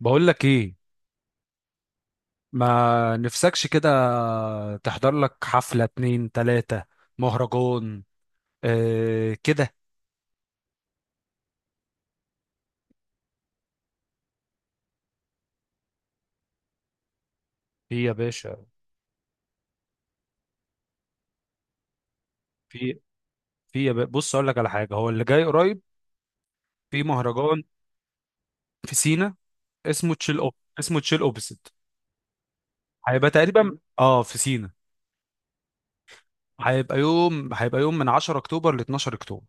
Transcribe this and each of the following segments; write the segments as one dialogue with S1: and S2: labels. S1: بقول لك ايه؟ ما نفسكش كده، تحضر لك حفلة اتنين تلاتة، مهرجان. اه كده. في يا باشا. في في يا باشا، بص اقول لك على حاجة. هو اللي جاي قريب في مهرجان في سينا، اسمه تشيل اوبسيت. هيبقى تقريبا في سينا. هيبقى يوم من 10 اكتوبر ل 12 اكتوبر.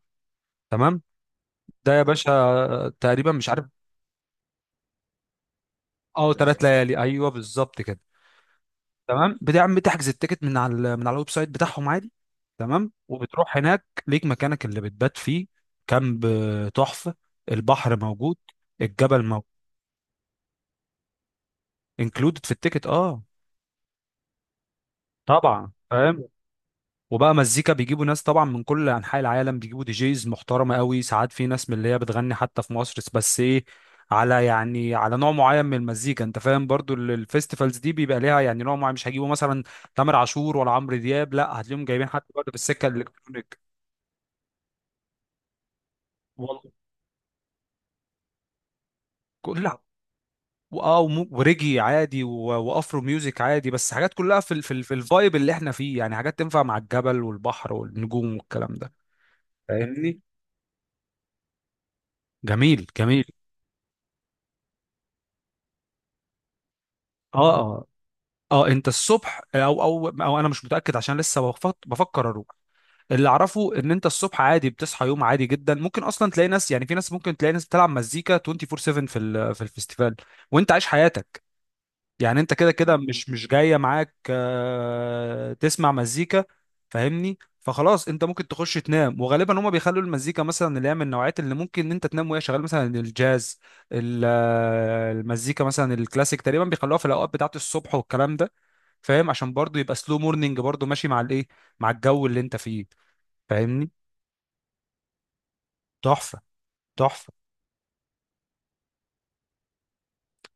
S1: تمام، ده يا باشا تقريبا، مش عارف. اه، 3 ليالي، ايوه بالظبط كده. تمام. بتعمل تحجز التيكت من على من على الويب سايت بتاعهم عادي. تمام، وبتروح هناك ليك مكانك اللي بتبات فيه. كامب، تحفة. البحر موجود. الجبل موجود. انكلودد في التيكت، اه. طبعا فاهم. وبقى مزيكا بيجيبوا ناس طبعا من كل انحاء العالم، بيجيبوا دي جيز محترمه قوي. ساعات في ناس من اللي هي بتغني حتى في مصر، بس ايه، على يعني على نوع معين من المزيكا. انت فاهم، برضو الفيستيفالز دي بيبقى ليها يعني نوع معين. مش هيجيبوا مثلا تامر عاشور ولا عمرو دياب، لا، هتلاقيهم جايبين حد برضه في السكه الالكترونيك. وال- كلها، اه، وريجي عادي وافرو ميوزك عادي. بس حاجات كلها في ال في, ال في الفايب اللي احنا فيه، يعني حاجات تنفع مع الجبل والبحر والنجوم والكلام ده. فاهمني؟ جميل جميل. اه اه اه انت الصبح، او او او انا مش متاكد عشان لسه بفكر اروح. اللي اعرفه ان انت الصبح عادي بتصحى يوم عادي جدا. ممكن اصلا تلاقي ناس، يعني في ناس ممكن تلاقي ناس بتلعب مزيكا 24/7 في في الفيستيفال، وانت عايش حياتك. يعني انت كده كده مش جايه معاك، تسمع مزيكا. فاهمني؟ فخلاص انت ممكن تخش تنام، وغالبا هما بيخلوا المزيكا مثلا اللي هي من النوعات اللي ممكن ان انت تنام وهي شغاله، مثلا الجاز، المزيكا مثلا الكلاسيك تقريبا بيخلوها في الاوقات بتاعه الصبح والكلام ده. فاهم؟ عشان برضو يبقى سلو مورنينج، برضو ماشي مع الايه، مع الجو اللي انت فيه. فاهمني؟ تحفه تحفه.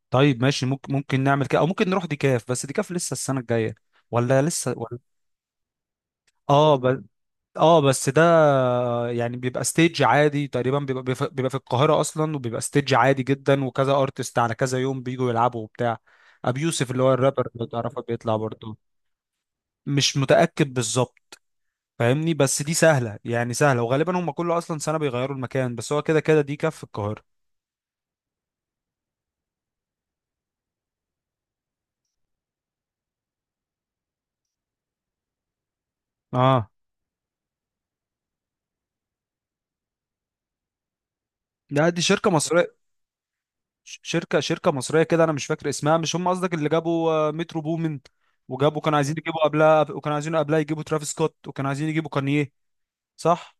S1: طيب ماشي، ممكن نعمل كده، او ممكن نروح ديكاف، بس ديكاف لسه السنه الجايه ولا لسه ولا. اه اه بس ده يعني بيبقى ستيج عادي. تقريبا بيبقى بيبقى في القاهرة أصلا، وبيبقى ستيج عادي جدا، وكذا أرتست على كذا يوم بيجوا يلعبوا وبتاع. أبي يوسف اللي هو الرابر اللي تعرفه بيطلع برضه. مش متأكد بالظبط. فاهمني؟ بس دي سهلة، يعني سهلة. وغالبا هم كل أصلا سنة بيغيروا المكان، بس هو كده كده دي كف القاهرة. اه، لا دي شركة مصرية. شركة مصرية كده. أنا مش فاكر اسمها. مش هم قصدك اللي جابوا، مترو بومن، وجابوا كانوا عايزين يجيبوا قبلها، وكانوا عايزين قبلها يجيبوا ترافيس سكوت، وكانوا عايزين يجيبوا كانيه، صح؟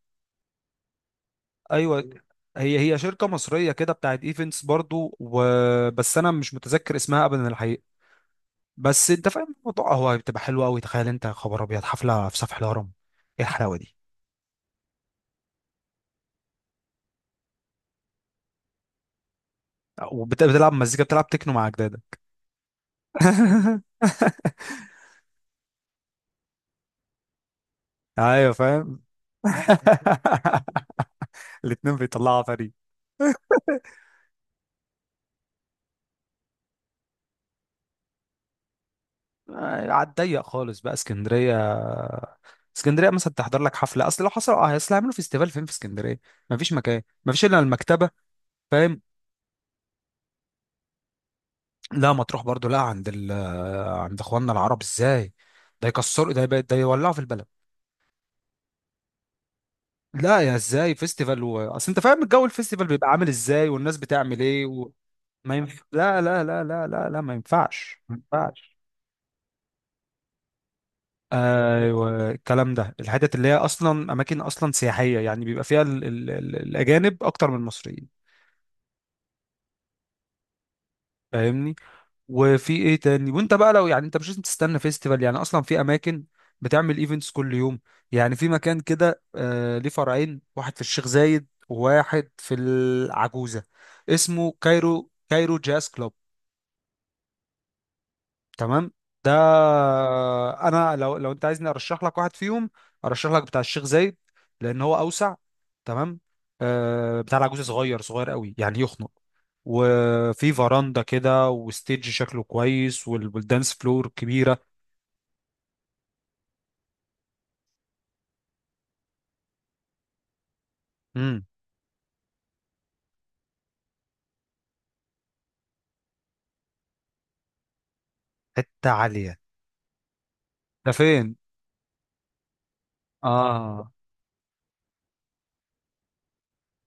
S1: ايوه. هي هي شركه مصريه كده بتاعت ايفنتس برضو، وبس انا مش متذكر اسمها ابدا الحقيقه. بس انت فاهم الموضوع، هو بتبقى حلوه قوي. تخيل انت يا خبر ابيض، حفله في سفح الهرم. ايه الحلاوه دي؟ وبتلعب مزيكا، بتلعب تكنو مع اجدادك. ايوه فاهم. الاتنين بيطلعوا فريق. على الضيق خالص بقى اسكندريه. اسكندريه مثلا تحضر لك حفله، اصل لو حصل، اصل هيعملوا فيستيفال فين في اسكندريه؟ مفيش مكان، مفيش الا المكتبه. فاهم؟ لا مطروح برضو لا، عند اخواننا العرب، ازاي؟ ده يكسروا ده، ده يولعوا في البلد. لا، يا ازاي فيستيفال و... اصل انت فاهم الجو الفيستيفال بيبقى عامل ازاي، والناس بتعمل ايه و... ما ينف... لا لا لا لا لا لا، ما ينفعش ما ينفعش. ايوه الكلام ده، الحتت اللي هي اصلا اماكن اصلا سياحيه، يعني بيبقى فيها الاجانب اكتر من المصريين. فاهمني؟ وفي ايه تاني؟ وانت بقى لو يعني انت مش لازم تستنى فيستيفال، يعني اصلا في اماكن بتعمل ايفنتس كل يوم. يعني في مكان كده، ليه فرعين، واحد في الشيخ زايد وواحد في العجوزة، اسمه كايرو جاز كلوب. تمام، ده. انا لو انت عايزني ارشح لك واحد فيهم، ارشح لك بتاع الشيخ زايد، لان هو اوسع. تمام. بتاع العجوزة صغير صغير قوي، يعني يخنق. وفي فراندا كده، وستيج شكله كويس، والدانس فلور كبيرة. امم. حتة عالية. ده فين؟ اه،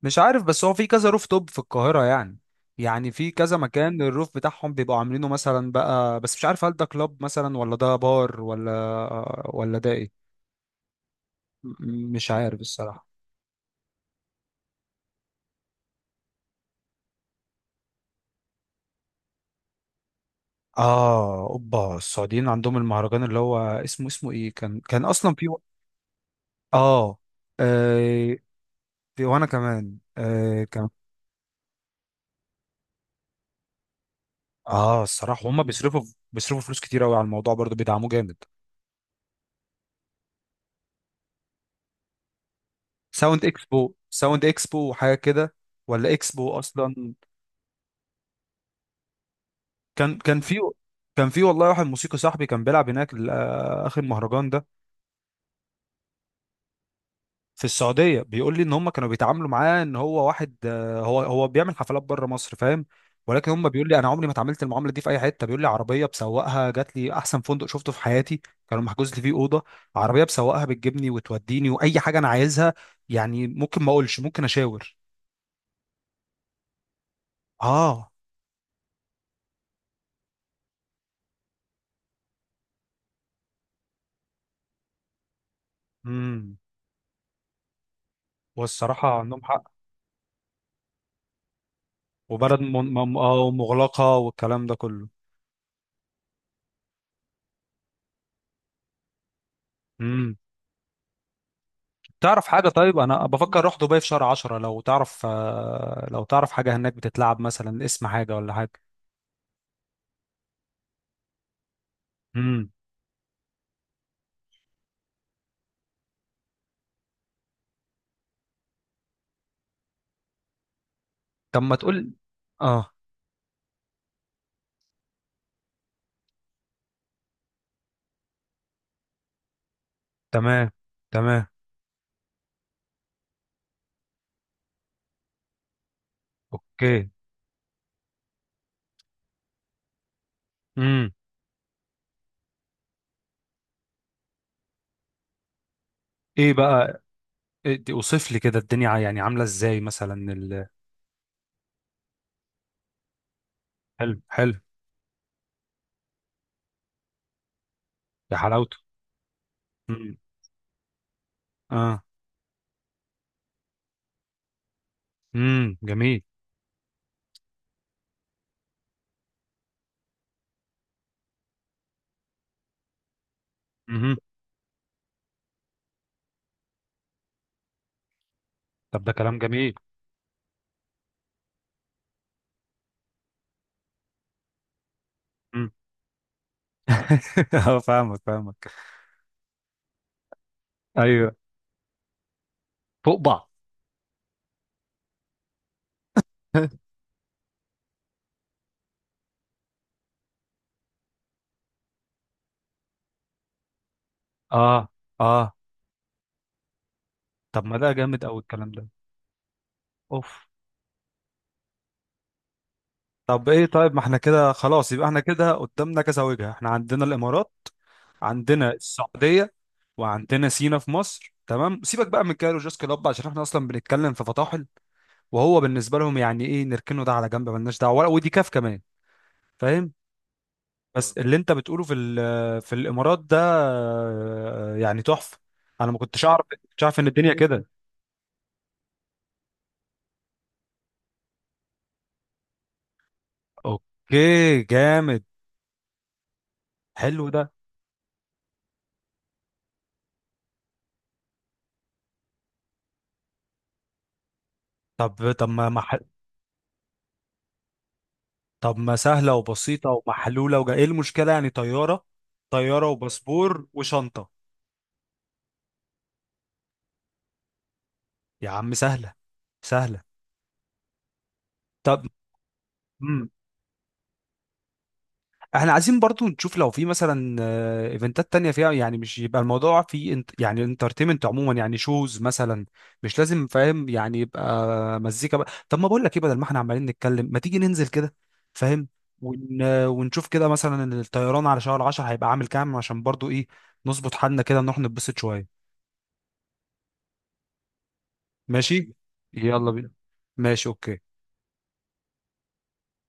S1: مش عارف، بس هو في كذا روف توب في القاهرة. يعني يعني في كذا مكان الروف بتاعهم بيبقوا عاملينه مثلا بقى، بس مش عارف هل ده كلاب مثلا، ولا ده بار، ولا ده ايه. مش عارف الصراحة. اه، اوبا السعوديين عندهم المهرجان اللي هو اسمه ايه؟ كان اصلا في اه، آه، وانا كمان كان. اه، الصراحة هم بيصرفوا، فلوس كتير قوي على الموضوع، برضو بيدعموه جامد. ساوند اكسبو، وحاجة كده، ولا اكسبو اصلا. كان كان في كان في والله واحد موسيقي صاحبي كان بيلعب هناك اخر مهرجان ده، في السعودية. بيقول لي ان هم كانوا بيتعاملوا معاه ان هو واحد، هو هو بيعمل حفلات بره مصر، فاهم. ولكن هم بيقول لي انا عمري ما اتعاملت المعاملة دي في اي حتة. بيقول لي عربية بسوقها جات لي، احسن فندق شفته في حياتي كانوا محجوز لي فيه أوضة. عربية بسوقها بتجيبني وتوديني واي حاجة انا عايزها، يعني ممكن ما اقولش، ممكن اشاور. اه. امم. والصراحة عندهم حق. وبلد مغلقة والكلام ده كله. امم. تعرف حاجة؟ طيب أنا بفكر أروح دبي في شهر 10، لو تعرف حاجة هناك بتتلعب مثلا، اسم حاجة ولا حاجة. امم. طب ما تقول. اه، تمام تمام. اوكي. امم. ايه بقى؟ اوصف لي كده الدنيا، يعني عاملة ازاي مثلا حلو حلو. يا حلاوته. امم. اه. امم، جميل. امم. طب ده كلام جميل. امم. اه، فاهمك فاهمك. ايوه، فوق بعض. اه اه طب ما ده جامد قوي الكلام ده. اوف. طب ايه، طيب ما احنا كده خلاص، يبقى احنا كده قدامنا كذا وجهة. احنا عندنا الامارات، عندنا السعودية، وعندنا سينا في مصر. تمام. سيبك بقى من كايرو جوز كلوب عشان احنا اصلا بنتكلم في فطاحل، وهو بالنسبة لهم يعني ايه، نركنه ده على جنب ملناش دعوة، ودي كاف كمان. فاهم. بس اللي انت بتقوله في في الامارات ده، يعني تحفة. انا ما كنتش اعرف، ان الدنيا كده. اوكي جامد. حلو ده. طب طب ما ما طب ما سهلة وبسيطة ومحلولة، وجا ايه المشكلة يعني؟ طيارة، طيارة وباسبور وشنطة. يا عم سهلة، سهلة. طب. مم. احنا عايزين برضو نشوف لو في مثلا، ايفنتات تانية فيها. يعني مش يبقى الموضوع في، انت يعني انترتينمنت عموما، يعني شوز مثلا، مش لازم. فاهم يعني، يبقى مزيكا بقى. طب ما بقول لك ايه، بدل ما احنا عمالين نتكلم، ما تيجي ننزل كده. فاهم. ونشوف كده مثلا الطيران على شهر 10 هيبقى عامل كام، عشان برضو ايه، نظبط حالنا كده، نروح نتبسط شوية. ماشي. يلا بينا. ماشي اوكي.